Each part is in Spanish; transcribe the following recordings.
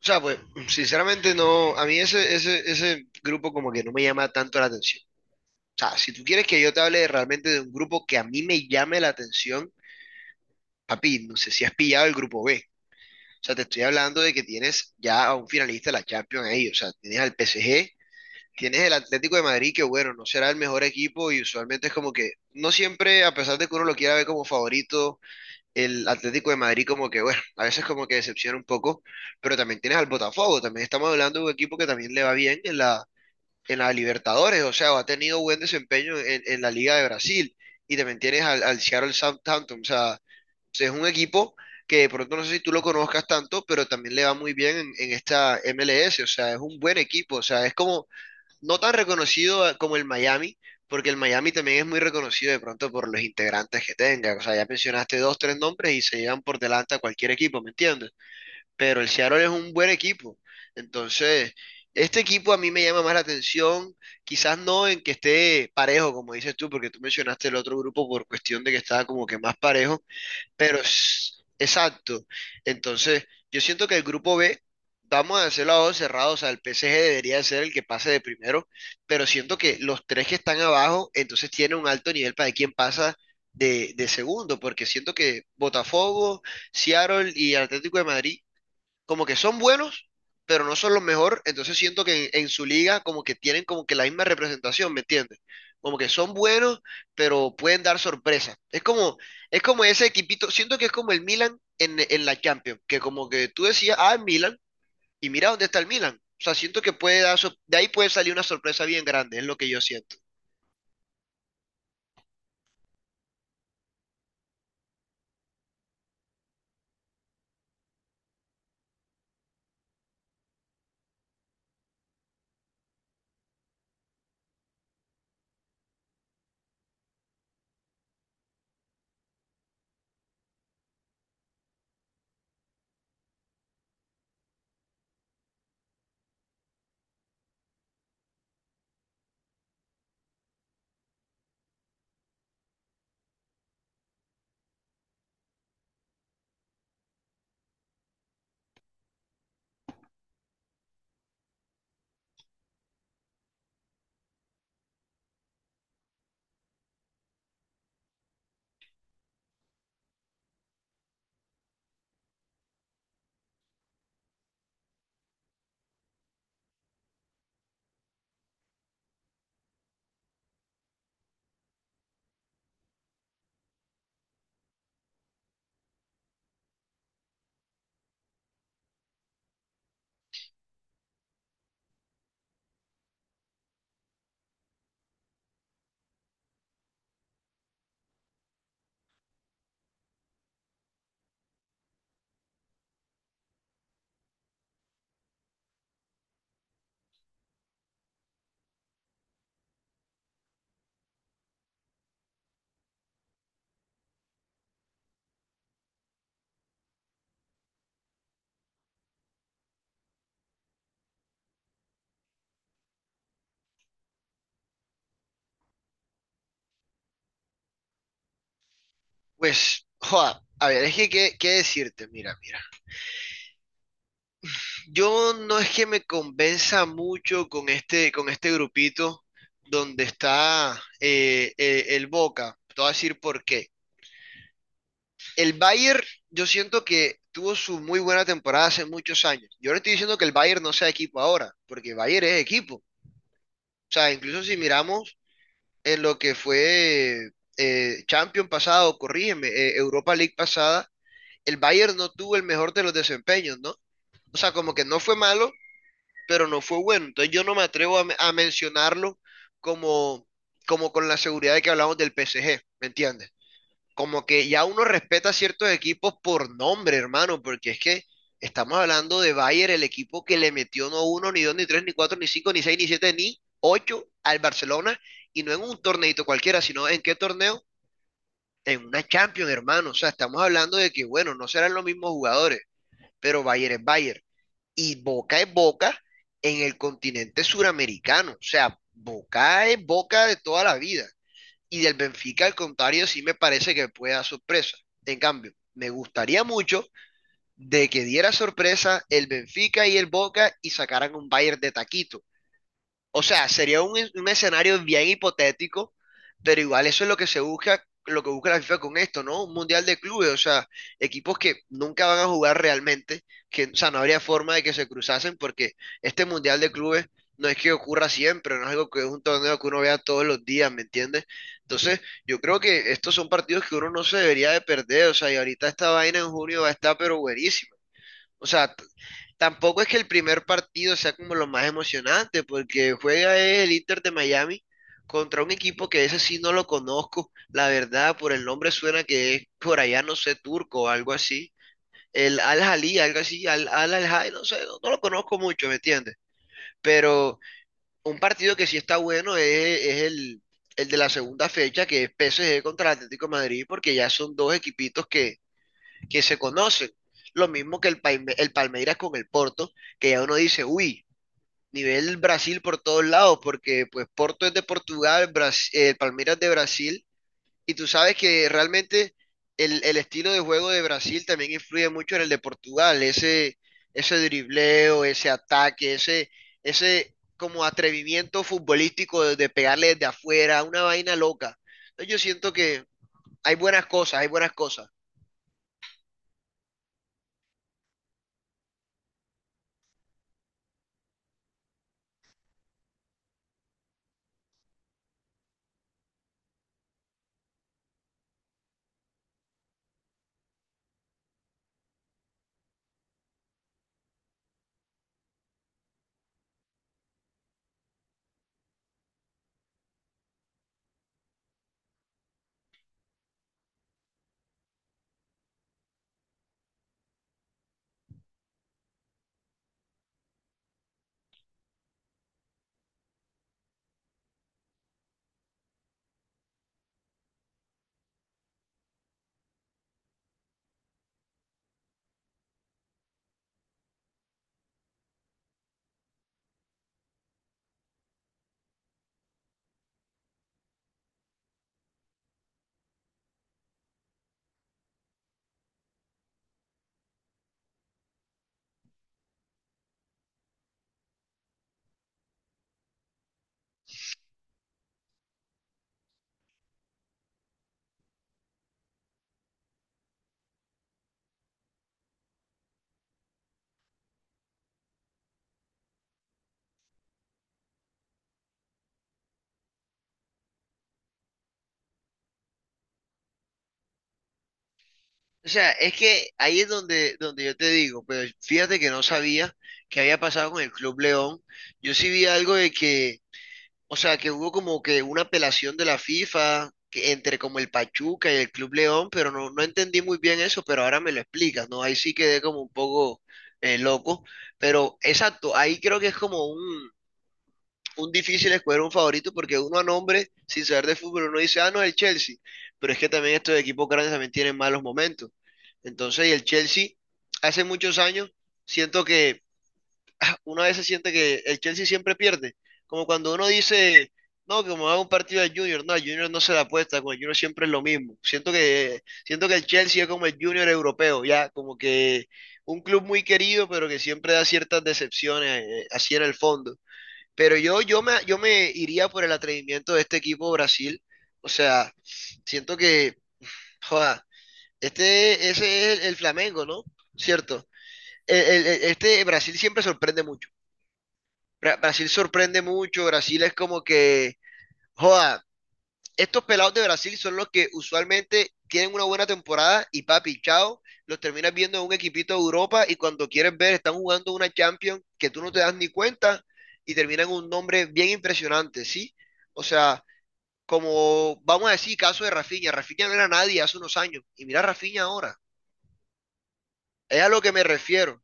O sea, pues, sinceramente no, a mí ese grupo como que no me llama tanto la atención. O sea, si tú quieres que yo te hable realmente de un grupo que a mí me llame la atención, papi, no sé si has pillado el grupo B. O sea, te estoy hablando de que tienes ya a un finalista de la Champions ahí. O sea, tienes al PSG, tienes el Atlético de Madrid, que bueno, no será el mejor equipo y usualmente es como que no siempre, a pesar de que uno lo quiera ver como favorito, el Atlético de Madrid como que, bueno, a veces como que decepciona un poco, pero también tienes al Botafogo, también estamos hablando de un equipo que también le va bien en la Libertadores, o sea, o ha tenido buen desempeño en la Liga de Brasil, y también tienes al Seattle Southampton, o sea, es un equipo que de pronto no sé si tú lo conozcas tanto, pero también le va muy bien en esta MLS, o sea, es un buen equipo, o sea, es como no tan reconocido como el Miami, porque el Miami también es muy reconocido de pronto por los integrantes que tenga. O sea, ya mencionaste dos, tres nombres y se llevan por delante a cualquier equipo, ¿me entiendes? Pero el Seattle es un buen equipo. Entonces, este equipo a mí me llama más la atención, quizás no en que esté parejo, como dices tú, porque tú mencionaste el otro grupo por cuestión de que estaba como que más parejo, pero es exacto. Entonces, yo siento que el grupo B, vamos a hacer a dos cerrados, o sea, el PSG debería ser el que pase de primero, pero siento que los tres que están abajo, entonces tienen un alto nivel para quien pasa de segundo, porque siento que Botafogo, Seattle y Atlético de Madrid como que son buenos, pero no son los mejores, entonces siento que en su liga como que tienen como que la misma representación, ¿me entiendes? Como que son buenos, pero pueden dar sorpresa. Es como ese equipito, siento que es como el Milan en la Champions, que como que tú decías, ah, el Milan, y mira dónde está el Milan. O sea, siento que puede dar, de ahí puede salir una sorpresa bien grande, es lo que yo siento. Pues, joda, a ver, es que, ¿qué, qué decirte? Mira, mira. Yo no es que me convenza mucho con este grupito donde está el Boca. Te voy a decir por qué. El Bayern, yo siento que tuvo su muy buena temporada hace muchos años. Yo no estoy diciendo que el Bayern no sea equipo ahora, porque el Bayern es equipo. O sea, incluso si miramos en lo que fue Champions pasado, corrígeme, Europa League pasada, el Bayern no tuvo el mejor de los desempeños, ¿no? O sea, como que no fue malo, pero no fue bueno. Entonces yo no me atrevo a, a mencionarlo como, como con la seguridad de que hablamos del PSG, ¿me entiendes? Como que ya uno respeta ciertos equipos por nombre, hermano, porque es que estamos hablando de Bayern, el equipo que le metió no uno, ni dos, ni tres, ni cuatro, ni cinco, ni seis, ni siete, ni ocho al Barcelona, y no en un torneito cualquiera, sino en qué torneo, en una Champions, hermano. O sea, estamos hablando de que, bueno, no serán los mismos jugadores, pero Bayern es Bayern y Boca es Boca en el continente suramericano. O sea, Boca es Boca de toda la vida. Y del Benfica, al contrario, sí me parece que puede dar sorpresa. En cambio, me gustaría mucho de que diera sorpresa el Benfica y el Boca y sacaran un Bayern de taquito. O sea, sería un escenario bien hipotético, pero igual eso es lo que se busca, lo que busca la FIFA con esto, ¿no? Un mundial de clubes, o sea, equipos que nunca van a jugar realmente, que, o sea, no habría forma de que se cruzasen porque este mundial de clubes no es que ocurra siempre, no es algo que es un torneo que uno vea todos los días, ¿me entiendes? Entonces, yo creo que estos son partidos que uno no se debería de perder, o sea, y ahorita esta vaina en junio va a estar pero buenísima. O sea, tampoco es que el primer partido sea como lo más emocionante, porque juega el Inter de Miami contra un equipo que ese sí no lo conozco. La verdad, por el nombre suena que es por allá, no sé, turco o algo así. El Al-Ahly, algo así, Al-Ahly, Al Al-Ahly, no sé, no, no lo conozco mucho, ¿me entiendes? Pero un partido que sí está bueno es el de la segunda fecha, que es PSG contra el Atlético de Madrid, porque ya son dos equipitos que se conocen. Lo mismo que el, el Palmeiras con el Porto, que ya uno dice, uy, nivel Brasil por todos lados, porque pues Porto es de Portugal, Palmeiras es de Brasil, y tú sabes que realmente el estilo de juego de Brasil también influye mucho en el de Portugal, ese dribleo, ese ataque, ese como atrevimiento futbolístico de pegarle desde afuera, una vaina loca. Entonces, yo siento que hay buenas cosas, hay buenas cosas. O sea, es que ahí es donde, donde yo te digo, pero fíjate que no sabía qué había pasado con el Club León. Yo sí vi algo de que, o sea, que hubo como que una apelación de la FIFA que entre como el Pachuca y el Club León, pero no, no entendí muy bien eso, pero ahora me lo explicas, ¿no? Ahí sí quedé como un poco loco, pero exacto, ahí creo que es como un difícil escoger un favorito porque uno a nombre, sin saber de fútbol, uno dice, ah, no, el Chelsea. Pero es que también estos equipos grandes también tienen malos momentos. Entonces, y el Chelsea, hace muchos años, siento que ah, uno a veces siente que el Chelsea siempre pierde. Como cuando uno dice, no, que como hago un partido de Junior, no, el Junior no se da apuesta, con el Junior siempre es lo mismo. Siento que el Chelsea es como el Junior europeo, ya, como que un club muy querido, pero que siempre da ciertas decepciones, así en el fondo. Pero yo, yo me iría por el atrevimiento de este equipo Brasil. O sea, siento que, joda, este, ese es el Flamengo, ¿no? ¿Cierto? Este Brasil siempre sorprende mucho. Brasil sorprende mucho, Brasil es como que, joda, estos pelados de Brasil son los que usualmente tienen una buena temporada y papi, chao, los terminas viendo en un equipito de Europa y cuando quieres ver están jugando una Champions que tú no te das ni cuenta y terminan un nombre bien impresionante, ¿sí? O sea, como vamos a decir, caso de Rafinha, Rafinha no era nadie hace unos años y mira a Rafinha ahora, es a lo que me refiero,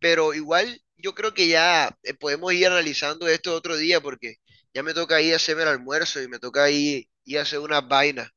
pero igual yo creo que ya podemos ir analizando esto otro día porque ya me toca ir a hacerme el almuerzo y me toca ir, ir a hacer unas vainas.